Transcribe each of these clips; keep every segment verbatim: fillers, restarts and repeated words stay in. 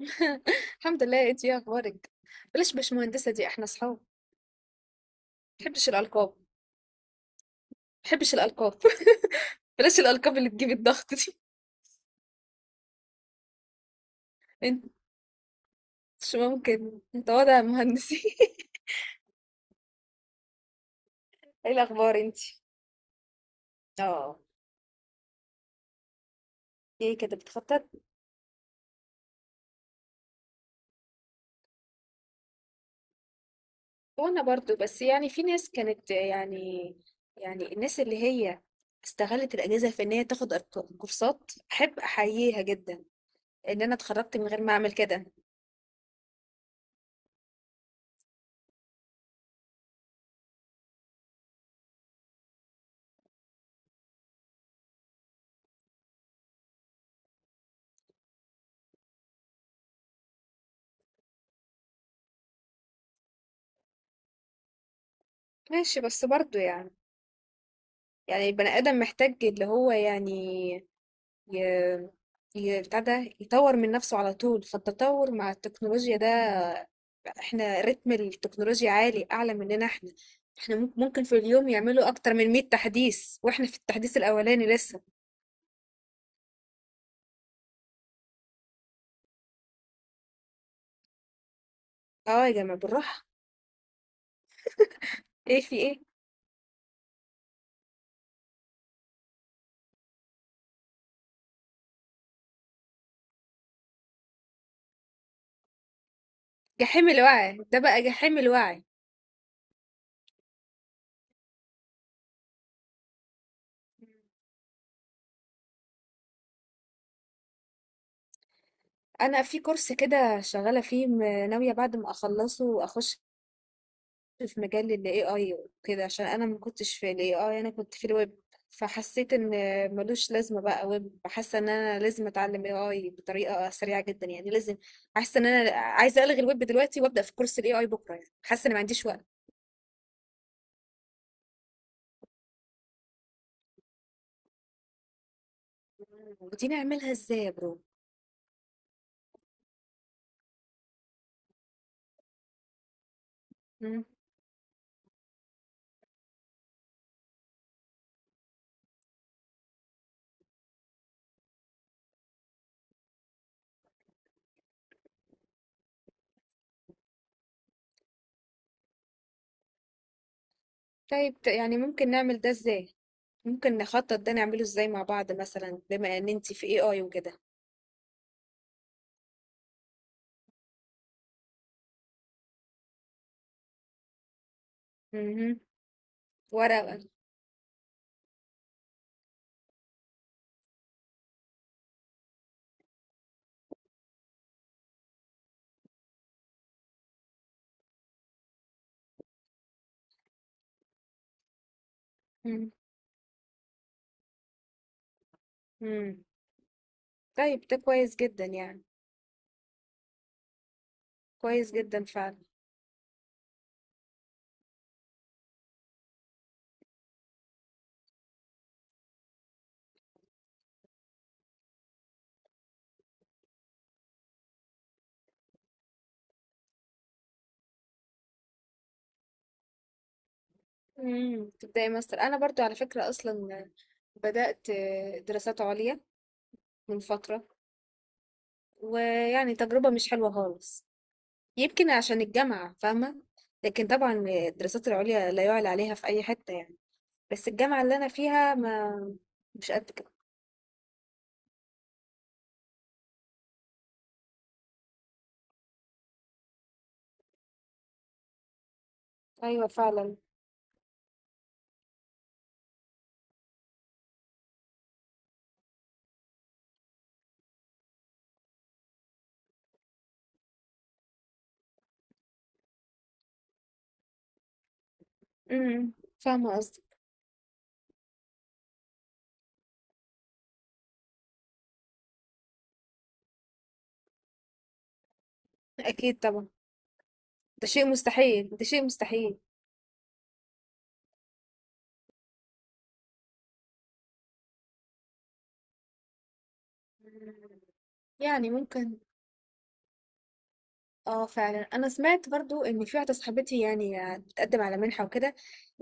الحمد لله، انت يا اخبارك. بلاش باشمهندسه دي، احنا اصحاب. محبش الالقاب محبش الالقاب بلاش الالقاب اللي تجيب الضغط دي. انت، مش ممكن انت وضع مهندسي ايه الاخبار انت؟ اه. ايه كده بتخطط؟ وانا برضو، بس يعني في ناس كانت يعني يعني الناس اللي هي استغلت الاجازه في ان هي تاخد أرق- كورسات، احب احييها جدا ان انا اتخرجت من غير ما اعمل كده. ماشي، بس برضو يعني، يعني البني ادم محتاج اللي هو، يعني ي- ي- بتاع ده يطور من نفسه على طول، فالتطور مع التكنولوجيا ده، احنا رتم التكنولوجيا عالي اعلى مننا. احنا احنا مم- ممكن في اليوم يعملوا اكتر من مية تحديث واحنا في التحديث الاولاني لسه. اه يا جماعة بالراحة. ايه في ايه؟ جحيم الوعي ده، بقى جحيم الوعي. انا في كورس كده شغالة فيه، م- ناوية بعد ما اخلصه اخش في مجال ال إيه آي وكده، عشان أنا ما كنتش في ال إيه آي، أنا كنت في الويب. فحسيت إن ملوش لازمة بقى ويب. حاسة إن أنا لازم أتعلم إيه آي بطريقة سريعة جدا، يعني لازم. حاسة إن أنا عايزة ألغي الويب دلوقتي وأبدأ في كورس ال إيه آي بكرة، يعني حاسة إن ما عنديش وقت. ودي نعملها إزاي يا برو؟ مم. طيب، ت- يعني ممكن نعمل ده إزاي؟ ممكن نخطط ده نعمله إزاي مع بعض مثلا، بما إن أنتي في إيه آي وكده. مهم. ورقة. مم. مم. طيب، ده كويس جدا يعني، كويس جدا فعلا. امم، تبدأي ماستر. انا برضو على فكرة اصلا بدأت دراسات عليا من فترة، ويعني تجربة مش حلوة خالص. يمكن عشان الجامعة، فاهمة. لكن طبعا الدراسات العليا لا يعلى عليها في اي حتة يعني، بس الجامعة اللي انا فيها ما، مش قد كده. ايوه فعلا. امم، فاهمة قصدي. اكيد طبعا. ده شيء مستحيل، ده شيء مستحيل. مم. يعني ممكن. اه فعلا، انا سمعت برضو ان في واحدة صاحبتي يعني بتقدم على منحة وكده.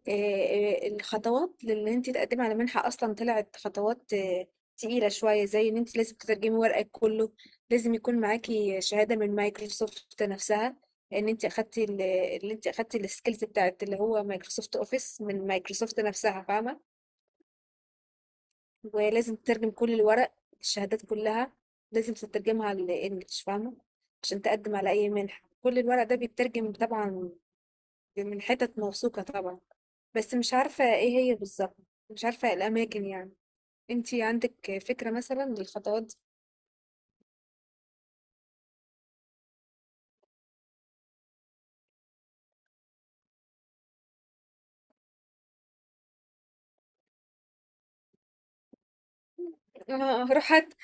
آه، آه، الخطوات لان انت تقدمي على منحه اصلا طلعت خطوات آه، تقيله شويه. زي ان انت لازم تترجمي ورقك كله، لازم يكون معاكي شهاده من مايكروسوفت نفسها ان انت اخدتي ال- اللي انت اخدتي السكيلز بتاعت اللي هو مايكروسوفت اوفيس من مايكروسوفت نفسها، فاهمه. ولازم تترجم كل الورق، الشهادات كلها لازم تترجمها على الانجليش، فاهمه. عشان تقدم على اي منحه كل الورق ده بيترجم طبعا، من حتت موثوقه طبعا. بس مش عارفة ايه هي بالظبط، مش عارفة إيه الأماكن يعني. انتي عندك فكرة مثلا للخطوات دي؟ اه، روح هات.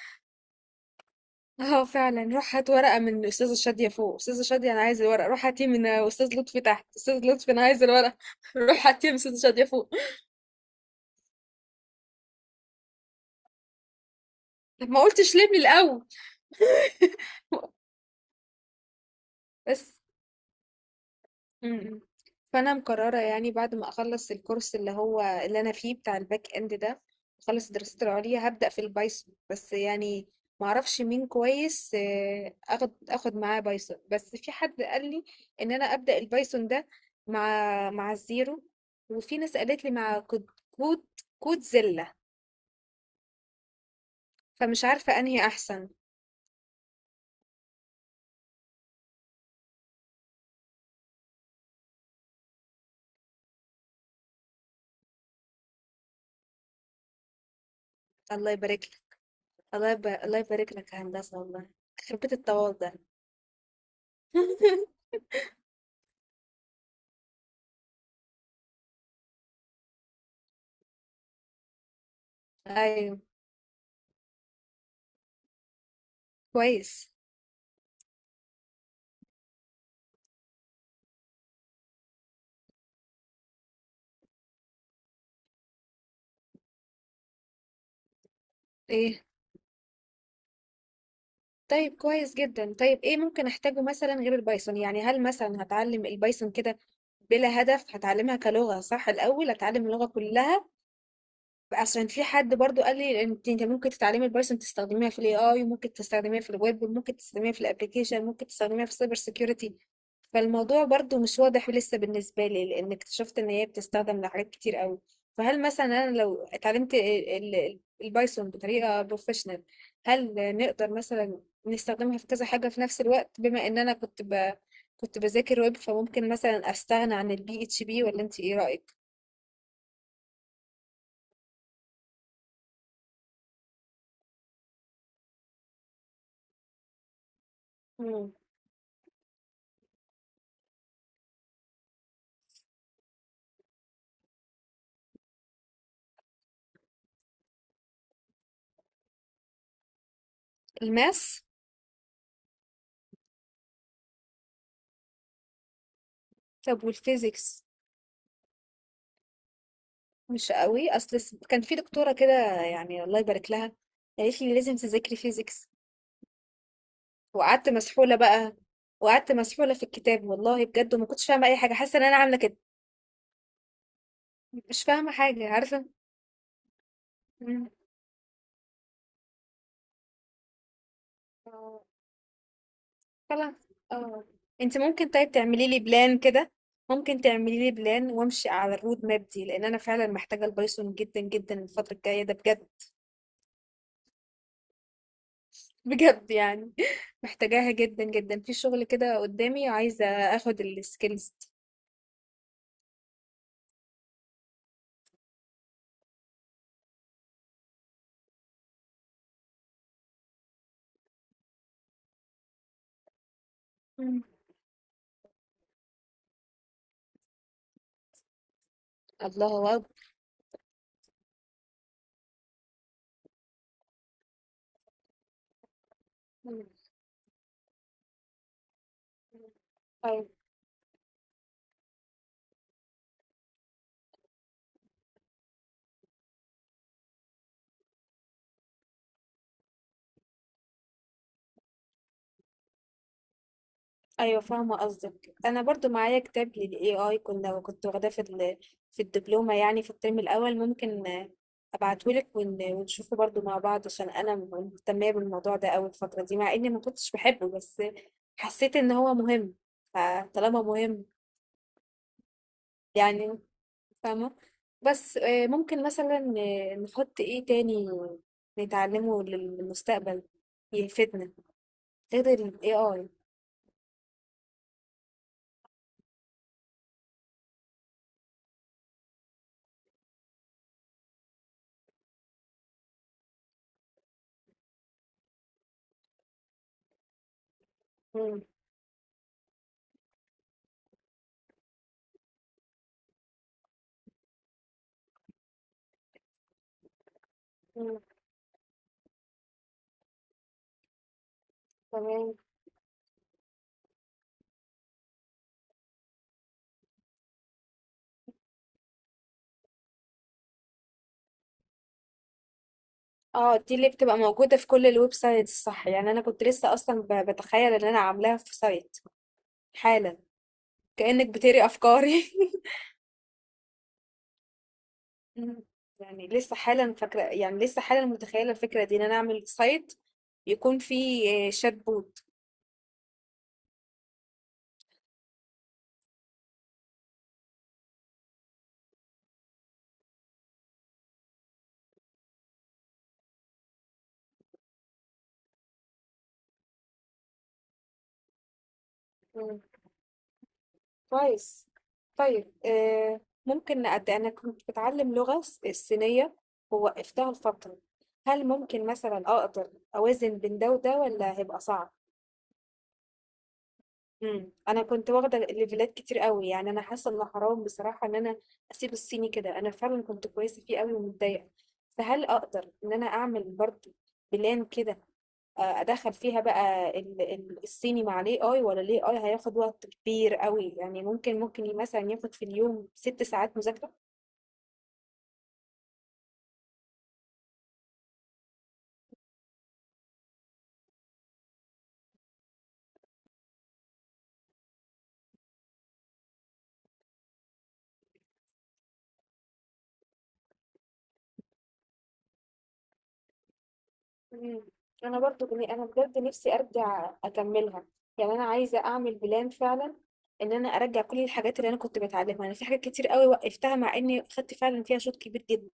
اه فعلا، روح هات ورقة من أستاذة شادية فوق، أستاذة شادية أنا عايز الورقة، روح هاتيه من أستاذ لطفي تحت، أستاذ لطفي أنا عايز الورقة روح هاتيه من أستاذة شادية فوق. طب ما قلتش ليه من الأول؟ بس، إمم. فأنا مقررة يعني بعد ما أخلّص الcourse اللي هو اللي أنا فيه بتاع الback end ده، وأخلّص دراستي العُليا، هابدأ في الPython، بس يعني ما أعرفش مين كويس آآ آخد آخد معاه Python. بس في حد قال لي إن أنا أبدأ الPython ده مع مع الZero، وفي ناس قالت لي مع كود، كود كودزيلا، فمش عارفة أنهي أحسن. الله يبارك لك، الله يب الله يبارك لك يا هندسة والله، يخرب بيت التواضع. أيوه، كويس. إيه؟ طيب كويس جدًا. طيب إيه ممكن أحتاجه مثلًا غير البايثون؟ يعني هل مثلًا هاتعلم البايثون كده بلا هدف، هاتعلمها كلغة صح الأول، هاتعلم اللغة كلها؟ اصلا في حد برضو قال لي، انت انت ممكن تتعلمي البايثون تستخدميها في الاي اي، وممكن تستخدميها في الويب، وممكن تستخدميها في الابلكيشن، ممكن تستخدميها في السايبر سيكيورتي. فالموضوع برضو مش واضح لسه بالنسبه لي، لان اكتشفت ان هي بتستخدم لحاجات كتير قوي. فهل مثلا انا لو اتعلمت ال- ال- البايثون بطريقه بروفيشنال، هل نقدر مثلا نستخدمها في كذا حاجه في نفس الوقت؟ بما ان انا كنت ب... كنت بذاكر ويب، فممكن مثلا استغنى عن البي اتش بي، ولا انت ايه رايك؟ مم. الماس. طب والفيزيكس؟ مش قوي. اصل س- كان في دكتوره كده، يعني الله يبارك لها، قالت لي لازم تذاكري فيزيكس، وقعدت مسحوله بقى، وقعدت مسحوله في الكتاب والله بجد، وما كنتش فاهمه اي حاجه، حاسه ان انا عامله كده، مش فاهمه حاجه، عارفه. مم. آه، خلاص، اه. انت ممكن طيب تعملي لي بلان كده؟ ممكن تعملي لي بلان وامشي على الرود ماب دي، لان انا فعلا محتاجه البايثون جدا جدا الفتره الجايه ده بجد. بجد يعني محتاجاها جدا جدا في شغل كده قدامي، عايزه اخد السكيلز دي. الله أكبر. أيوة. أيوة فاهمة قصدك. أنا برضو معايا كتاب لل إيه آي، كنا كنت واخداه في ال... في الدبلومة يعني، في الترم الأول. ممكن أبعتهولك ون... ونشوفه برضو مع بعض، عشان أنا مهتمة بالموضوع ده أوي الفترة دي، مع إني ما كنتش بحبه، بس حسيت إن هو مهم، فطالما مهم يعني، فاهمة. بس آه، ممكن مثلا آه، نحط إيه تاني نتعلمه للمستقبل يفيدنا غير ال إيه آي؟ مم. تمام. اه دي اللي بتبقى موجودة في كل الويب سايتس، صح؟ يعني انا كنت لسه اصلا ب- بتخيل ان انا عاملاها في سايت حالا. كأنك بتقري افكاري مم. يعني لسه حالا فاكرة، يعني لسه حالا متخيلة الفكرة دي، ان انا اعمل سايت يكون فيه آه، شات بوت. مم. كويس. طيب آه، ممكن أد... انا كنت بتعلم لغة س- الصينية، ووقفتها لفترة. هل ممكن مثلا اقدر اوازن بين ده وده، ولا هيبقى صعب؟ إمم. أنا كنت واخدة ليفيلات كتير أوي، يعني أنا حاسة إن حرام بصراحة إن أنا أسيب الصيني كده، أنا فعلًا كنت كويسة فيه أوي ومتضايقة، فهل أقدر إن أنا أعمل برضه بلان كده، أ أدخّل فيها بقى ال ال الصيني مع الAI، والّا الAI هياخد وقت كبير أوي؟ يعني ممكن ممكن ي مثلًا ياخد في اليوم ستة ساعات مذاكرة؟ إمم. أنا برضه ب أنا بجد نِفْسي أرجع أكمّلها، يعني أنا عايزة أعمل plan فعلًا إن أنا أرجّع كل الحاجات اللي أنا كنت باتعلّمها، أنا في حاجات كتير أوي وقّفتها مع إني خدت فعلًا فيها شوط كبير جدًا.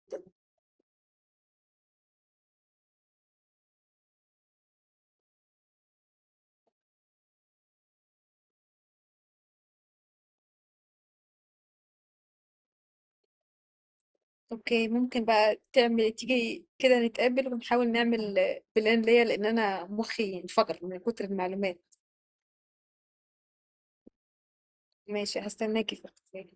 أوكي، ممكن بقى تعمل تيجي كده نتقابل ونحاول نعمل plan ليّا، لإن أنا مُخّي انفجر من كتر المعلومات. ماشي، هاستناكِ في